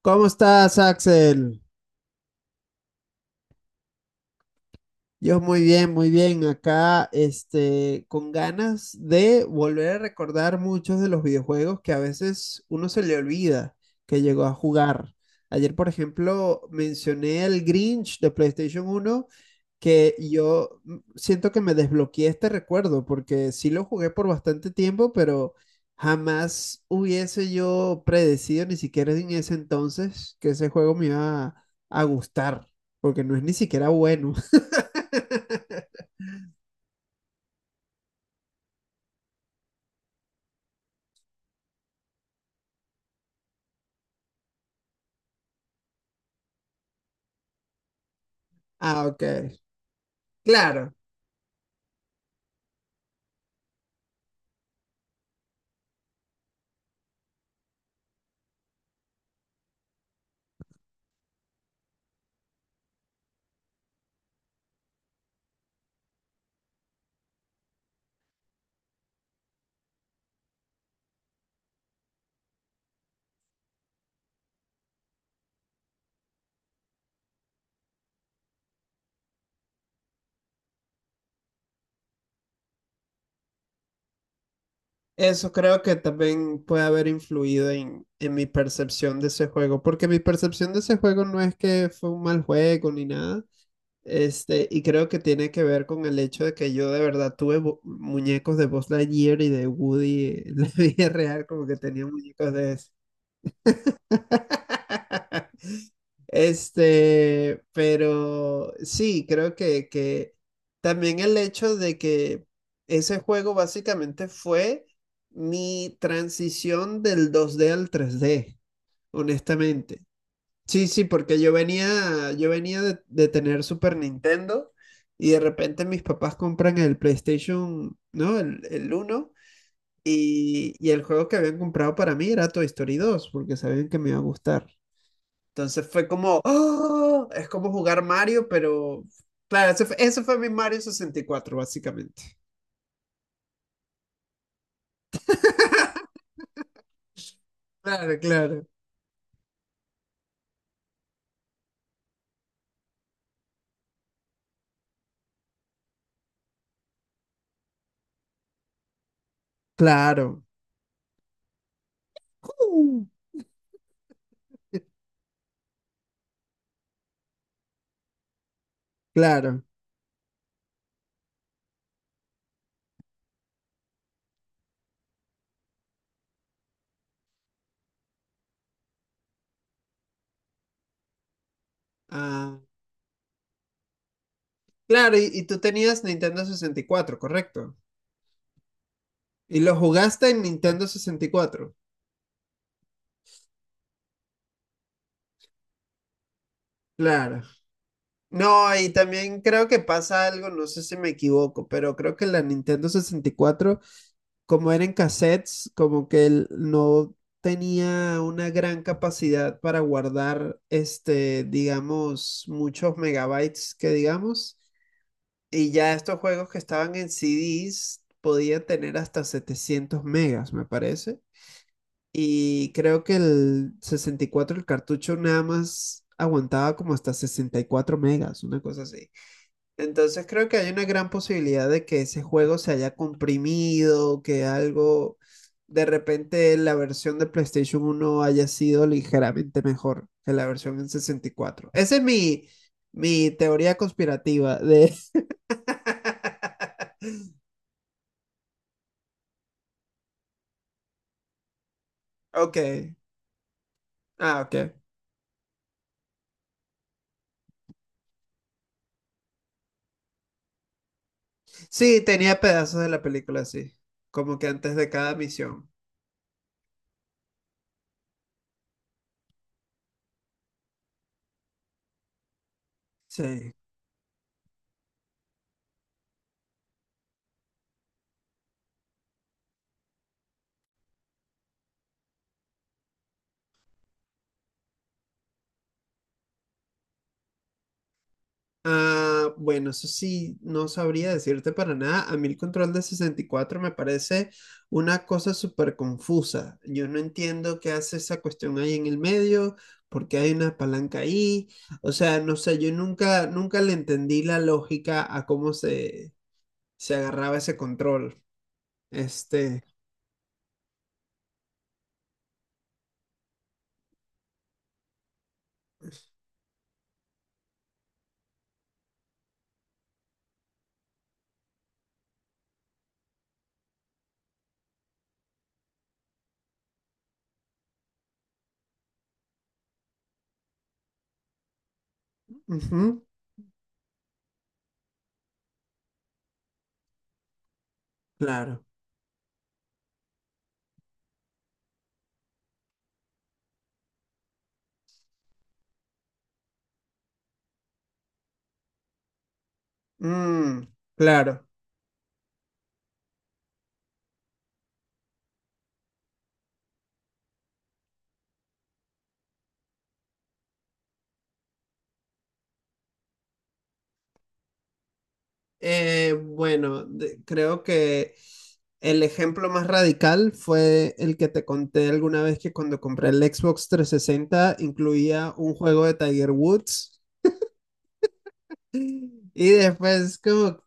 ¿Cómo estás, Axel? Yo muy bien, muy bien. Acá, con ganas de volver a recordar muchos de los videojuegos que a veces uno se le olvida que llegó a jugar. Ayer, por ejemplo, mencioné el Grinch de PlayStation uno que yo siento que me desbloqueé este recuerdo, porque sí lo jugué por bastante tiempo, pero jamás hubiese yo predecido, ni siquiera en ese entonces, que ese juego me iba a gustar, porque no es ni siquiera bueno. Ah, ok. Claro. Eso creo que también puede haber influido en mi percepción de ese juego, porque mi percepción de ese juego no es que fue un mal juego ni nada, y creo que tiene que ver con el hecho de que yo de verdad tuve muñecos de Buzz Lightyear y de Woody en la vida real, como que tenía muñecos de eso. Pero sí, creo que también el hecho de que ese juego básicamente fue mi transición del 2D al 3D, honestamente. Sí, sí, porque yo venía de tener Super Nintendo y de repente mis papás compran el PlayStation, ¿no? El uno y el juego que habían comprado para mí era Toy Story 2 porque sabían que me iba a gustar. Entonces fue como, ¡ah!, es como jugar Mario, pero claro, ese fue mi Mario 64 básicamente. Claro, claro. Claro. Uh, claro. Ah, claro, y tú tenías Nintendo sesenta y cuatro, correcto. Y lo jugaste en Nintendo sesenta y cuatro. Claro. No, y también creo que pasa algo, no sé si me equivoco, pero creo que la Nintendo sesenta y cuatro, como eran en cassettes, como que él no tenía una gran capacidad para guardar, digamos, muchos megabytes que digamos, y ya estos juegos que estaban en CDs podían tener hasta 700 megas, me parece, y creo que el 64 el cartucho nada más aguantaba como hasta 64 megas, una cosa así. Entonces creo que hay una gran posibilidad de que ese juego se haya comprimido, que algo, de repente la versión de PlayStation uno haya sido ligeramente mejor que la versión en 64. Esa es mi teoría conspirativa de. Ok, ah, ok. Sí, tenía pedazos de la película, sí, como que antes de cada misión. Sí. Ah, bueno, eso sí, no sabría decirte para nada. A mí el control de 64 me parece una cosa súper confusa. Yo no entiendo qué hace esa cuestión ahí en el medio, por qué hay una palanca ahí. O sea, no sé, yo nunca, nunca le entendí la lógica a cómo se, se agarraba ese control. Este, ujú, claro. Mm, claro. Bueno, creo que el ejemplo más radical fue el que te conté alguna vez que cuando compré el Xbox 360 incluía un juego de Tiger Woods y después como,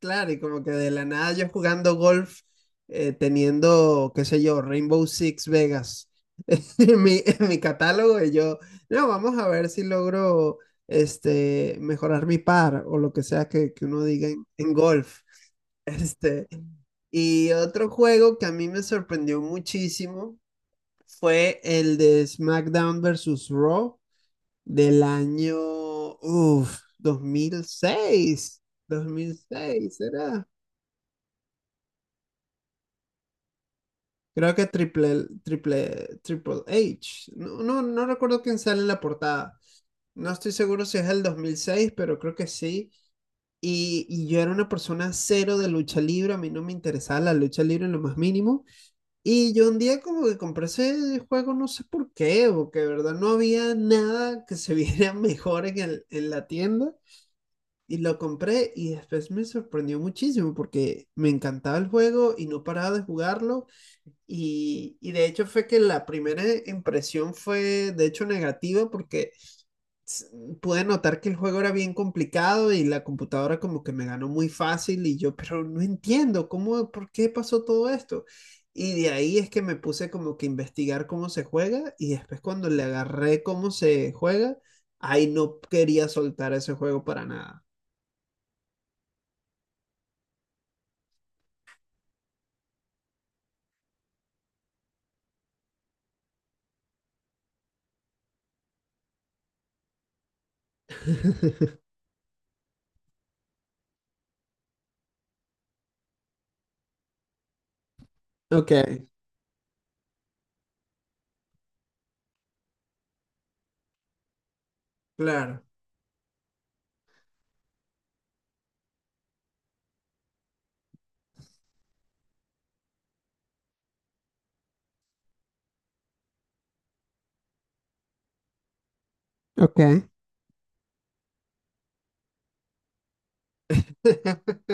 claro, y como que de la nada yo jugando golf, teniendo, qué sé yo, Rainbow Six Vegas en mi catálogo y yo, no, vamos a ver si logro mejorar mi par o lo que sea que uno diga en golf. Este, y otro juego que a mí me sorprendió muchísimo fue el de SmackDown versus Raw del año, 2006, 2006, ¿será? Creo que Triple H. No, no, no recuerdo quién sale en la portada. No estoy seguro si es el 2006, pero creo que sí. Y yo era una persona cero de lucha libre, a mí no me interesaba la lucha libre en lo más mínimo. Y yo un día como que compré ese juego, no sé por qué, porque de verdad no había nada que se viera mejor en la tienda. Y lo compré y después me sorprendió muchísimo porque me encantaba el juego y no paraba de jugarlo. Y de hecho fue que la primera impresión fue de hecho negativa porque pude notar que el juego era bien complicado y la computadora como que me ganó muy fácil y yo, pero no entiendo cómo, por qué pasó todo esto. Y de ahí es que me puse como que a investigar cómo se juega y después cuando le agarré cómo se juega, ahí no quería soltar ese juego para nada. Ok. Claro. Ok.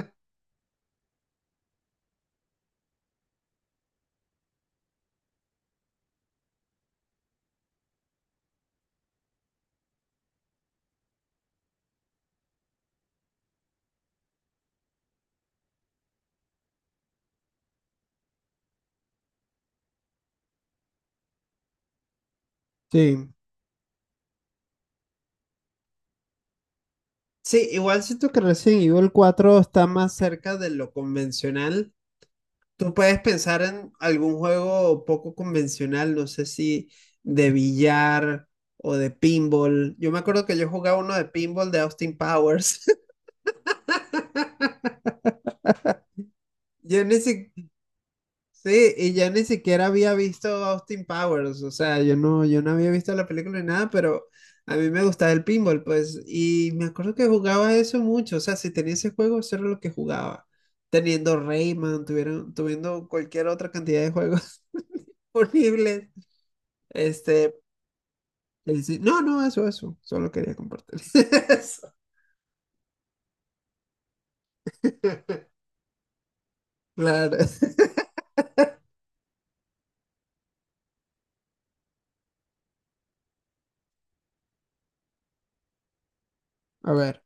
Sí. Sí, igual siento que Resident Evil 4 está más cerca de lo convencional. Tú puedes pensar en algún juego poco convencional, no sé si de billar o de pinball. Yo me acuerdo que yo jugaba uno de pinball de Austin Powers. Yo ni si- sí, y yo ni siquiera había visto Austin Powers, o sea, yo no había visto la película ni nada, pero a mí me gustaba el pinball, pues, y me acuerdo que jugaba eso mucho, o sea, si tenía ese juego, eso era lo que jugaba. Teniendo Rayman, tuviendo cualquier otra cantidad de juegos disponibles. Este, Sí, sí. No, no, eso, eso. Solo quería compartir eso. Claro. A ver.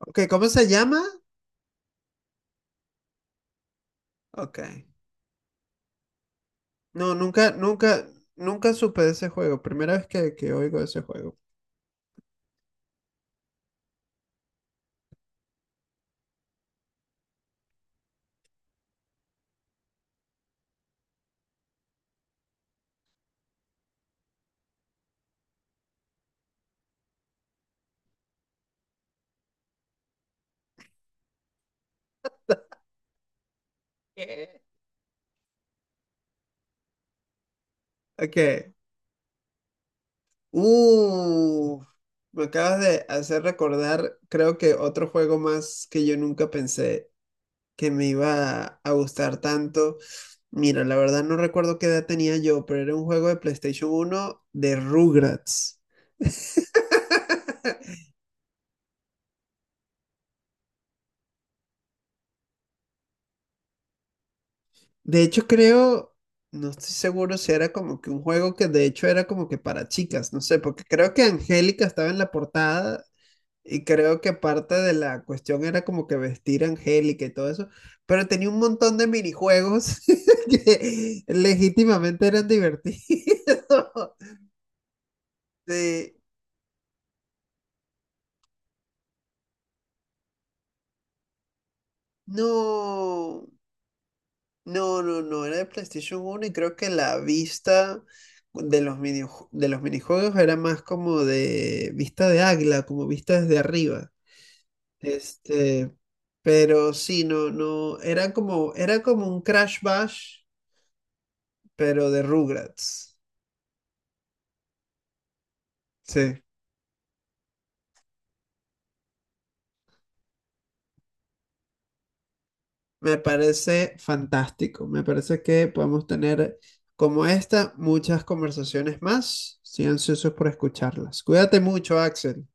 Ok, ¿cómo se llama? Ok. No, nunca, nunca, nunca supe de ese juego. Primera vez que oigo de ese juego. ¿Qué? Ok. Uh, me acabas de hacer recordar, creo que otro juego más que yo nunca pensé que me iba a gustar tanto. Mira, la verdad no recuerdo qué edad tenía yo, pero era un juego de PlayStation uno de Rugrats. De hecho, creo, no estoy seguro si era como que un juego que de hecho era como que para chicas, no sé, porque creo que Angélica estaba en la portada y creo que parte de la cuestión era como que vestir a Angélica y todo eso, pero tenía un montón de minijuegos que legítimamente eran divertidos. Sí. No. No, no, no, era de PlayStation uno y creo que la vista de los minijuegos era más como de vista de águila, como vista desde arriba. Este, pero sí, no, no, era como un Crash Bash, pero de Rugrats. Sí, me parece fantástico. Me parece que podemos tener como esta muchas conversaciones más. Estoy ansioso por escucharlas. Cuídate mucho, Axel.